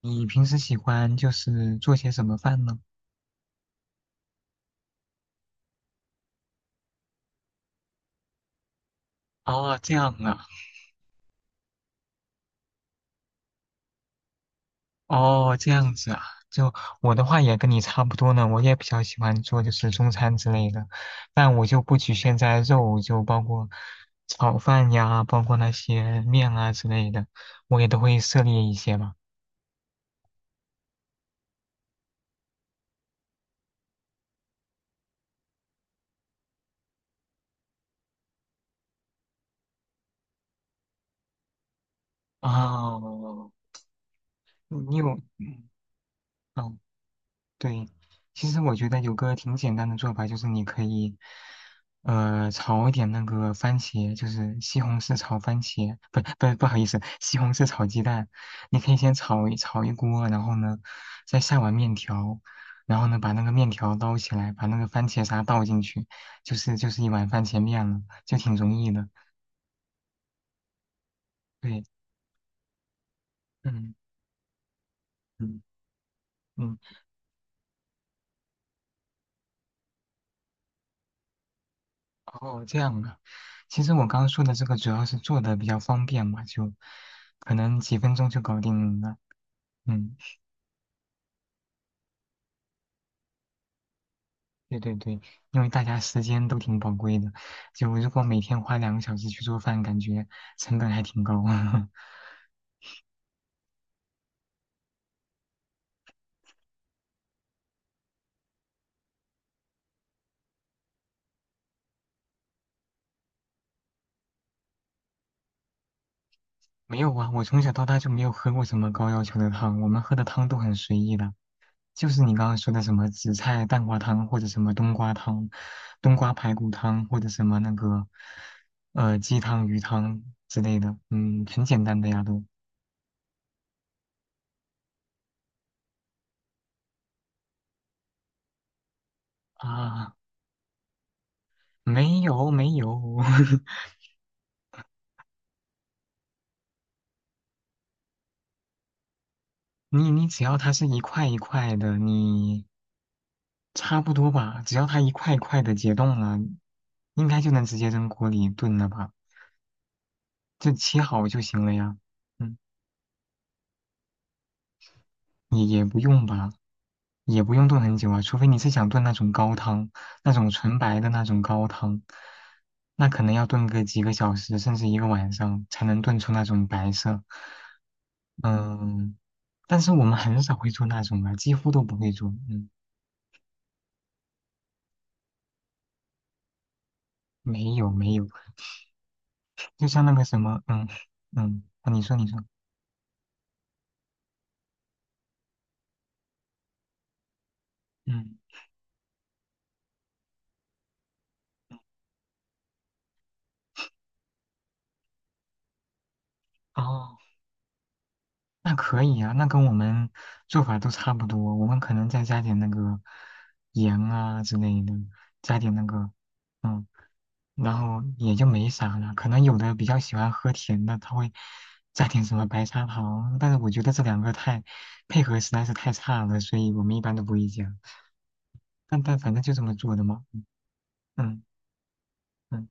你平时喜欢就是做些什么饭呢？哦，这样啊，哦，这样子啊，就我的话也跟你差不多呢，我也比较喜欢做就是中餐之类的，但我就不局限在肉，就包括炒饭呀，包括那些面啊之类的，我也都会涉猎一些嘛。哦，你有，哦，对，其实我觉得有个挺简单的做法，就是你可以，炒一点那个番茄，就是西红柿炒番茄，不不不好意思，西红柿炒鸡蛋。你可以先炒一锅，然后呢，再下碗面条，然后呢把那个面条捞起来，把那个番茄沙倒进去，就是一碗番茄面了，就挺容易的。对，嗯嗯嗯。哦，这样的。其实我刚刚说的这个主要是做的比较方便嘛，就可能几分钟就搞定了。嗯，对对对，因为大家时间都挺宝贵的，就如果每天花2个小时去做饭，感觉成本还挺高。没有啊，我从小到大就没有喝过什么高要求的汤，我们喝的汤都很随意的。就是你刚刚说的什么紫菜蛋花汤，或者什么冬瓜汤、冬瓜排骨汤，或者什么那个鸡汤、鱼汤之类的，嗯，很简单的呀都啊，没有没有，你只要它是一块一块的，你差不多吧，只要它一块一块的解冻了，应该就能直接扔锅里炖了吧，就切好就行了呀，嗯。也不用吧，也不用炖很久啊，除非你是想炖那种高汤，那种纯白的那种高汤，那可能要炖个几个小时，甚至一个晚上才能炖出那种白色。嗯，但是我们很少会做那种啊，几乎都不会做。嗯，没有没有，就像那个什么，嗯嗯，啊你说你说，嗯，哦。那可以啊，那跟我们做法都差不多，我们可能再加点那个盐啊之类的，加点那个，然后也就没啥了。可能有的比较喜欢喝甜的，他会加点什么白砂糖，但是我觉得这两个太配合实在是太差了，所以我们一般都不会加。但反正就这么做的嘛，嗯嗯，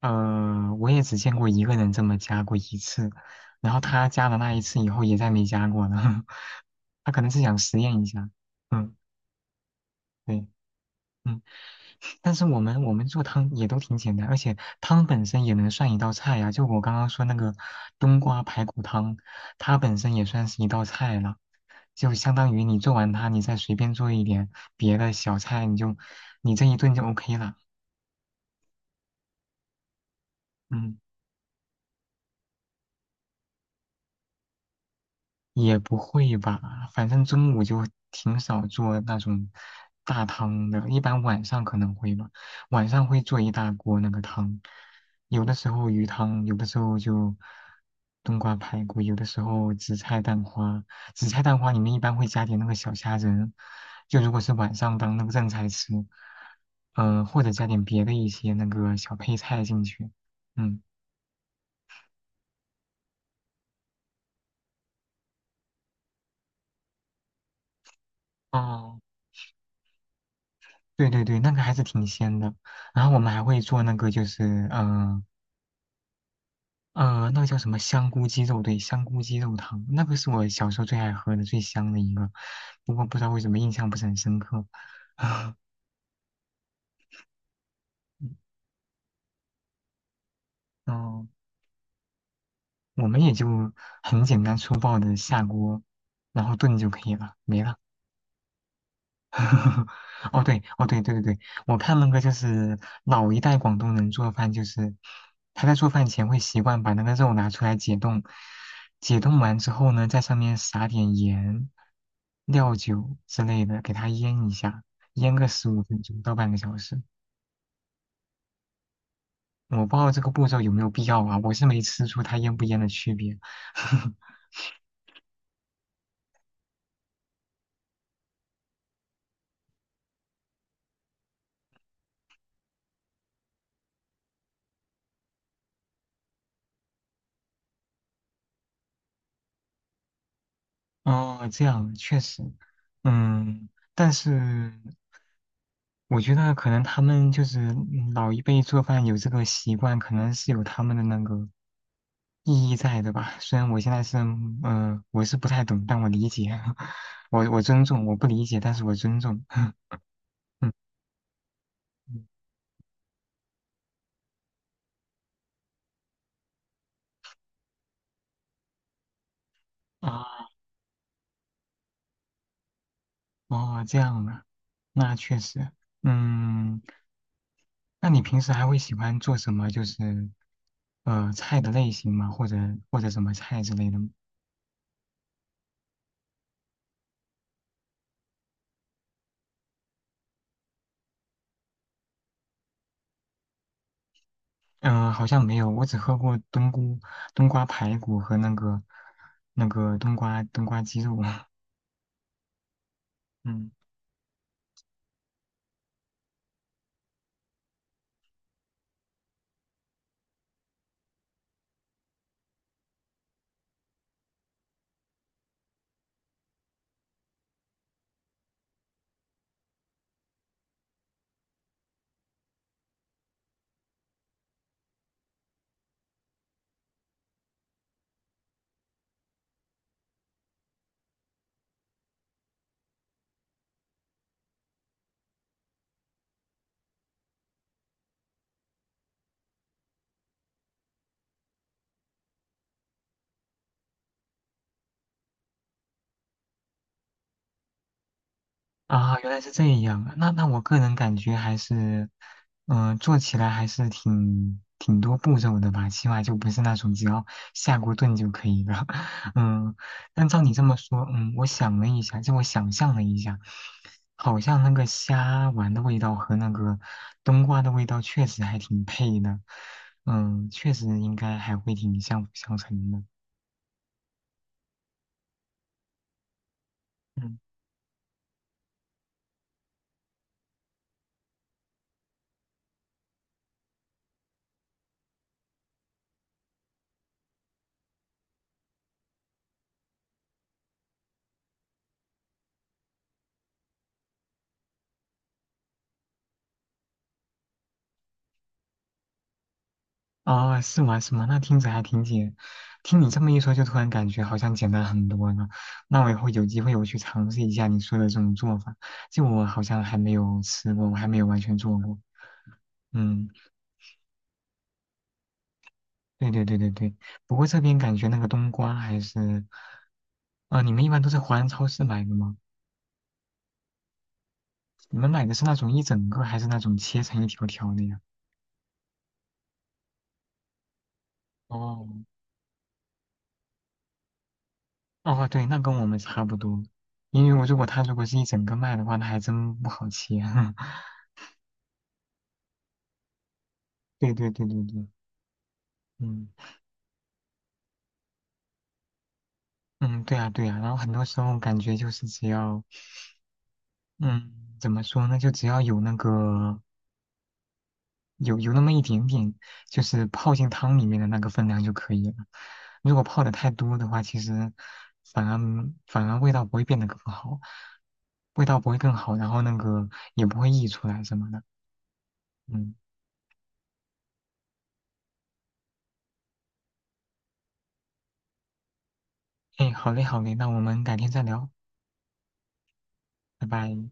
呃，我也只见过一个人这么加过一次，然后他加了那一次以后也再没加过了，他可能是想实验一下，嗯。对，嗯，但是我们做汤也都挺简单，而且汤本身也能算一道菜呀、就我刚刚说那个冬瓜排骨汤，它本身也算是一道菜了，就相当于你做完它，你再随便做一点别的小菜，你就你这一顿就 OK 了。嗯。也不会吧，反正中午就挺少做那种大汤的，一般晚上可能会吧，晚上会做一大锅那个汤，有的时候鱼汤，有的时候就冬瓜排骨，有的时候紫菜蛋花，紫菜蛋花里面一般会加点那个小虾仁，就如果是晚上当那个正菜吃，嗯、或者加点别的一些那个小配菜进去，嗯。哦对对对，那个还是挺鲜的。然后我们还会做那个，就是那个叫什么香菇鸡肉，对，香菇鸡肉汤，那个是我小时候最爱喝的、最香的一个。不过不知道为什么印象不是很深刻。啊，嗯，我们也就很简单粗暴的下锅，然后炖就可以了，没了。哦，对，哦，对，对对对，我看那个就是老一代广东人做饭，就是他在做饭前会习惯把那个肉拿出来解冻，解冻完之后呢，在上面撒点盐、料酒之类的，给它腌一下，腌个15分钟到半个小时。我不知道这个步骤有没有必要啊，我是没吃出它腌不腌的区别。哦，这样确实，嗯，但是。我觉得可能他们就是老一辈做饭有这个习惯，可能是有他们的那个意义在的吧。虽然我现在是，嗯、我是不太懂，但我理解，我尊重，我不理解，但是我尊重。嗯嗯啊，哦，这样啊，那确实，嗯，那你平时还会喜欢做什么？就是，呃，菜的类型吗？或者或者什么菜之类的吗？嗯、好像没有，我只喝过冬菇、冬瓜排骨和那个那个冬瓜鸡肉。嗯。啊，原来是这样啊！那那我个人感觉还是，嗯、做起来还是挺多步骤的吧，起码就不是那种只要下锅炖就可以了。嗯，但照你这么说，嗯，我想了一下，就我想象了一下，好像那个虾丸的味道和那个冬瓜的味道确实还挺配的，嗯，确实应该还会挺相辅相成的。嗯哦，是吗？是吗？那听着还挺简，听你这么一说，就突然感觉好像简单很多了。那我以后有机会我去尝试一下你说的这种做法，就我好像还没有吃过，我还没有完全做过。嗯，对对对对对。不过这边感觉那个冬瓜还是，啊、你们一般都在华人超市买的吗？你们买的是那种一整个，还是那种切成一条条的呀？哦，哦，对，那跟我们差不多。因为我如果他如果是一整个卖的话，那还真不好切。对对对对对，嗯嗯，对啊对啊，然后很多时候感觉就是只要，嗯，怎么说呢，就只要有那个有那么一点点，就是泡进汤里面的那个分量就可以了。如果泡的太多的话，其实反而反而味道不会变得更好，味道不会更好，然后那个也不会溢出来什么的。嗯，哎，好嘞好嘞，那我们改天再聊，拜拜。